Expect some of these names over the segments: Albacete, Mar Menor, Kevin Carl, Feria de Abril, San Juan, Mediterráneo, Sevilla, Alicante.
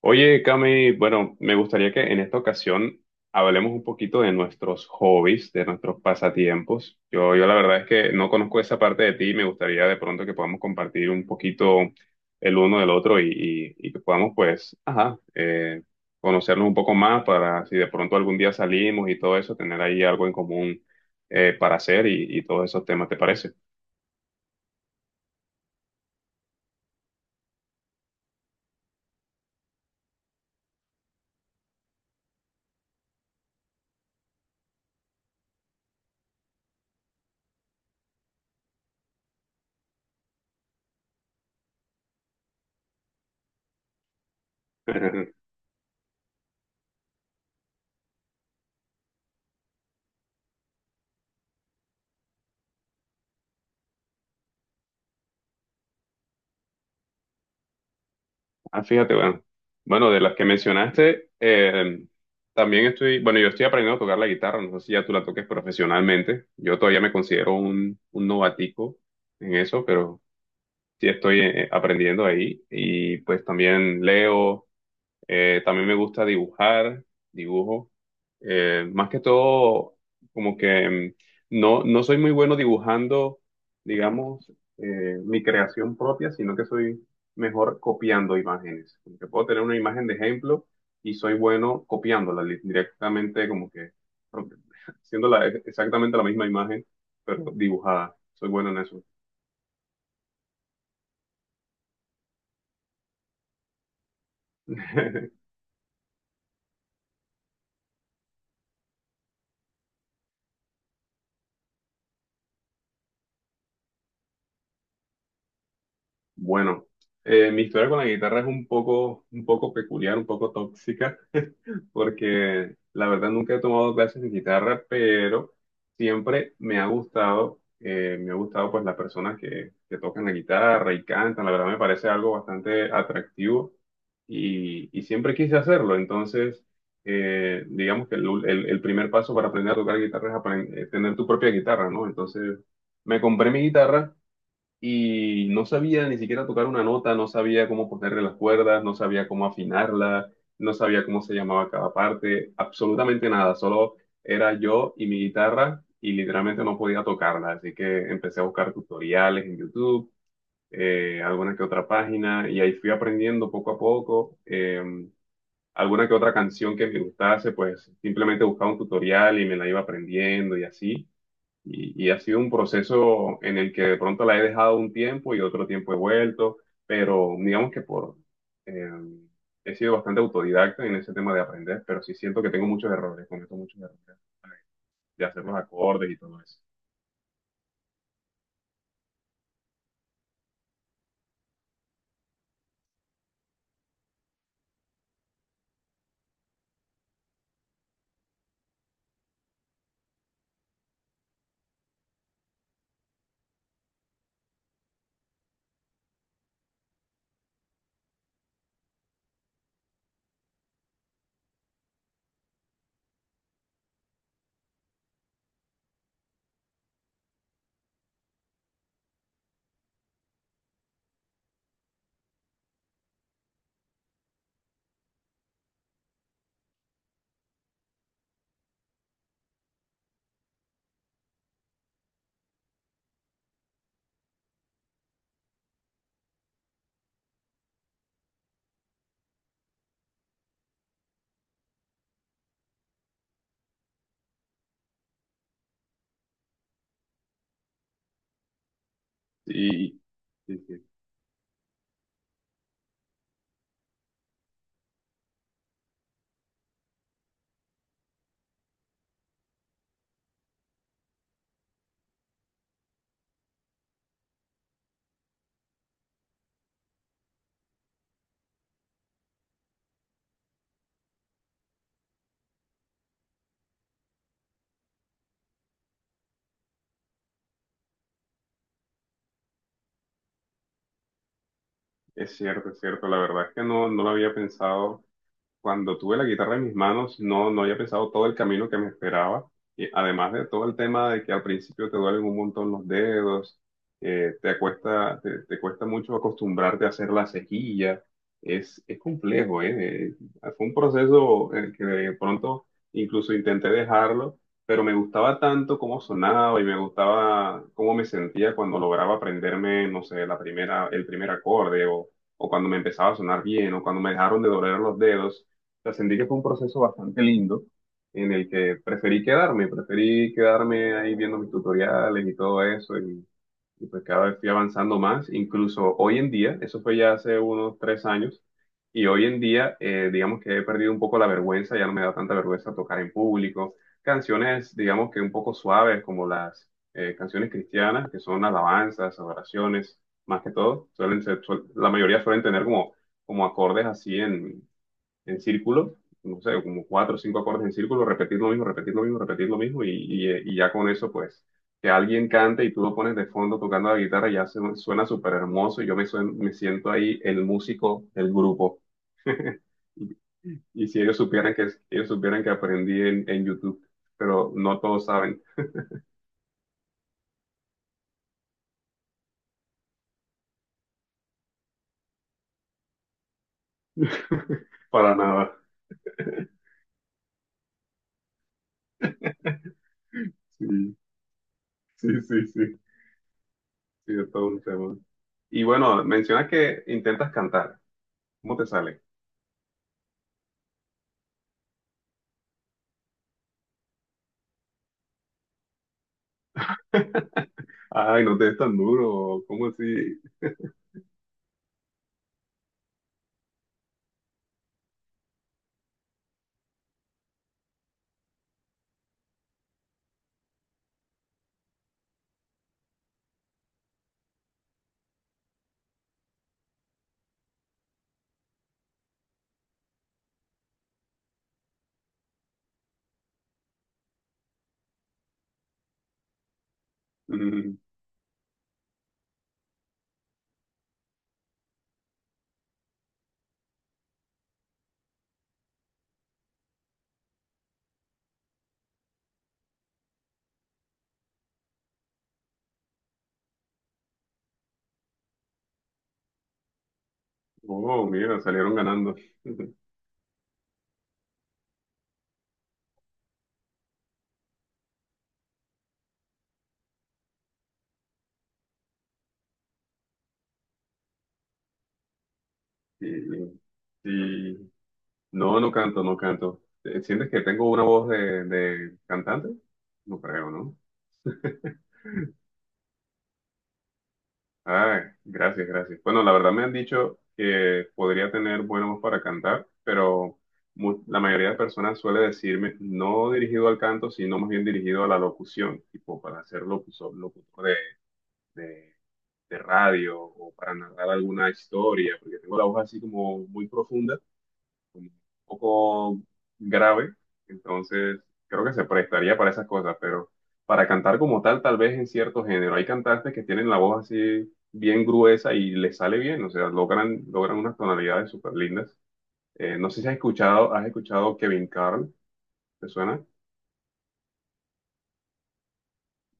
Oye, Cami, bueno, me gustaría que en esta ocasión hablemos un poquito de nuestros hobbies, de nuestros pasatiempos. Yo la verdad es que no conozco esa parte de ti y me gustaría de pronto que podamos compartir un poquito el uno del otro y que podamos, pues, ajá, conocernos un poco más para si de pronto algún día salimos y todo eso, tener ahí algo en común para hacer y todos esos temas, ¿te parece? Ah, fíjate, bueno. Bueno, de las que mencionaste, también estoy, bueno, yo estoy aprendiendo a tocar la guitarra, no sé si ya tú la toques profesionalmente. Yo todavía me considero un novatico en eso, pero sí estoy aprendiendo ahí, y pues también leo, también me gusta dibujar, dibujo. Más que todo, como que no, no soy muy bueno dibujando, digamos, mi creación propia, sino que soy mejor copiando imágenes. Como que puedo tener una imagen de ejemplo y soy bueno directamente, como que pro- exactamente la misma imagen, pero dibujada. Soy bueno en eso. Bueno, mi historia con la guitarra es un poco peculiar, un poco tóxica, porque la verdad nunca he tomado clases de guitarra, pero siempre me ha gustado. Eh, me ha gustado pues las personas que tocan la guitarra y cantan. La verdad me parece algo bastante atractivo, y siempre quise hacerlo. Entonces digamos que el primer paso para aprender a tocar guitarra es tener tu propia guitarra, ¿no? Entonces me compré mi guitarra y no sabía ni siquiera tocar una nota, no sabía cómo ponerle las cuerdas, no sabía cómo afinarla, no sabía cómo se llamaba cada parte, absolutamente nada. Solo era yo y mi guitarra y literalmente no podía tocarla, así que empecé a buscar tutoriales en YouTube, alguna que otra página, y ahí fui aprendiendo poco a poco. Alguna que otra canción que me gustase, pues simplemente buscaba un tutorial y me la iba aprendiendo, y así. Y y ha sido un proceso en el que de pronto la he dejado un tiempo y otro tiempo he vuelto, pero digamos que por, eh, he sido bastante autodidacta en ese tema de aprender, pero sí siento que tengo muchos errores, cometo muchos errores de hacer los acordes y todo eso. Y sí, sí, es cierto, la verdad es que no, no lo había pensado. Cuando tuve la guitarra en mis manos, no, no había pensado todo el camino que me esperaba. Y además de todo el tema de que al principio te duelen un montón los dedos, te cuesta, te cuesta mucho acostumbrarte a hacer la cejilla. Es complejo, ¿eh? Fue un proceso en el que de pronto incluso intenté dejarlo, pero me gustaba tanto cómo sonaba y me gustaba cómo me sentía cuando lograba aprenderme, no sé, la primera, el primer acorde, o cuando me empezaba a sonar bien, o cuando me dejaron de doler los dedos, sea, sentí que fue un proceso bastante lindo en el que preferí quedarme ahí viendo mis tutoriales y todo eso, y pues cada vez fui avanzando más. Incluso hoy en día, eso fue ya hace unos 3 años, y hoy en día digamos que he perdido un poco la vergüenza, ya no me da tanta vergüenza tocar en público canciones digamos que un poco suaves como las canciones cristianas que son alabanzas, adoraciones, más que todo. Suelen ser, la mayoría suelen tener como como acordes así en círculo, no sé, como cuatro o cinco acordes en círculo, repetir lo mismo, repetir lo mismo, repetir lo mismo, y ya con eso, pues, que alguien cante y tú lo pones de fondo tocando la guitarra, ya suena súper hermoso, y yo me, me siento ahí el músico del grupo. Y y si ellos supieran que, ellos supieran que aprendí en YouTube, pero no todos saben. Para nada. Sí, sí, sí, sí, sí, es todo un tema. Y bueno, mencionas que intentas cantar, ¿cómo te sale? Ay, no te des tan duro. ¿Cómo así? Mm. Oh, mira, salieron ganando. Y, y- no, no canto, no canto. ¿Sientes que tengo una voz de cantante? No creo, ¿no? Ay, gracias, gracias. Bueno, la verdad me han dicho que podría tener buena voz para cantar, pero la mayoría de personas suele decirme no dirigido al canto, sino más bien dirigido a la locución, tipo para ser locutor, locutor de de radio, o para narrar alguna historia, porque tengo la voz así como muy profunda, como un poco grave, entonces creo que se prestaría para esas cosas, pero para cantar como tal, tal vez en cierto género. Hay cantantes que tienen la voz así bien gruesa y les sale bien, o sea, logran, logran unas tonalidades súper lindas. No sé si has escuchado, has escuchado Kevin Carl, ¿te suena?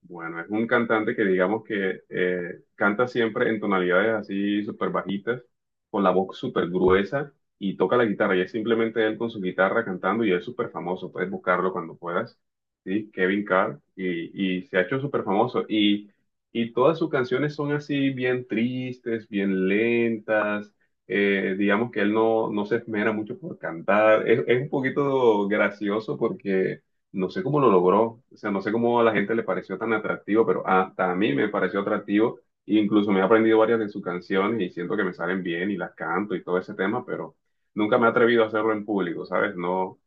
Bueno, es un cantante que digamos que canta siempre en tonalidades así súper bajitas, con la voz súper gruesa, y toca la guitarra. Y es simplemente él con su guitarra cantando, y es súper famoso. Puedes buscarlo cuando puedas. Sí, Kevin Carr. Y y se ha hecho súper famoso. Y y todas sus canciones son así bien tristes, bien lentas. Digamos que él no, no se esmera mucho por cantar. Es un poquito gracioso porque no sé cómo lo logró, o sea, no sé cómo a la gente le pareció tan atractivo, pero hasta a mí me pareció atractivo. Incluso me he aprendido varias de sus canciones y siento que me salen bien, y las canto y todo ese tema, pero nunca me he atrevido a hacerlo en público, ¿sabes? No,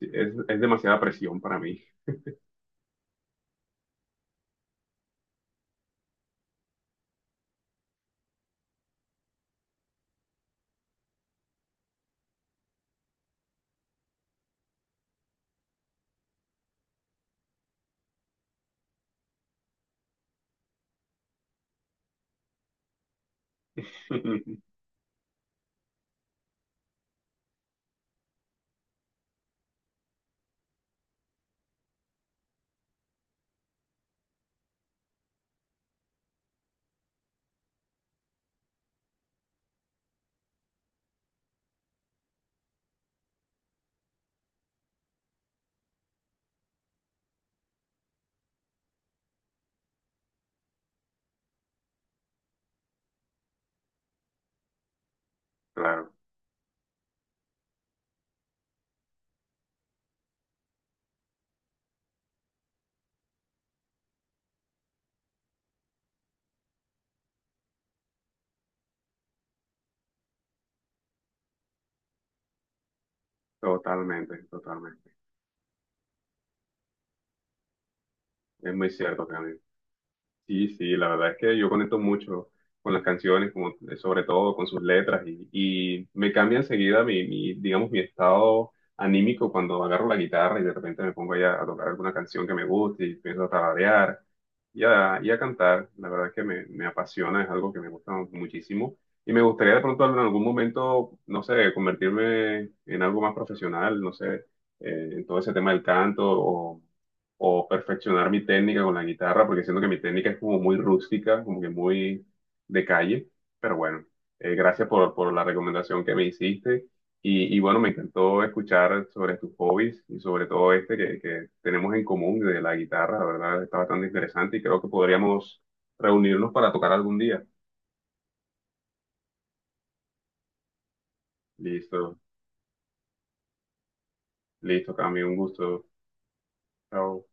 es demasiada presión para mí. Claro, totalmente, totalmente. Es muy cierto que sí, sí, la verdad es que yo conecto mucho con las canciones, como, sobre todo con sus letras, y me cambia enseguida mi, mi, digamos, mi estado anímico cuando agarro la guitarra y de repente me pongo ahí a tocar alguna canción que me guste y empiezo a tararear y a cantar. La verdad es que me apasiona, es algo que me gusta muchísimo. Y me gustaría de pronto en algún momento, no sé, convertirme en algo más profesional, no sé, en todo ese tema del canto, o perfeccionar mi técnica con la guitarra, porque siento que mi técnica es como muy rústica, como que muy de calle. Pero bueno, gracias por la recomendación que me hiciste. Y y bueno, me encantó escuchar sobre tus hobbies y sobre todo este que tenemos en común de la guitarra, la verdad está bastante interesante y creo que podríamos reunirnos para tocar algún día. Listo, listo, Cami, un gusto. Chao.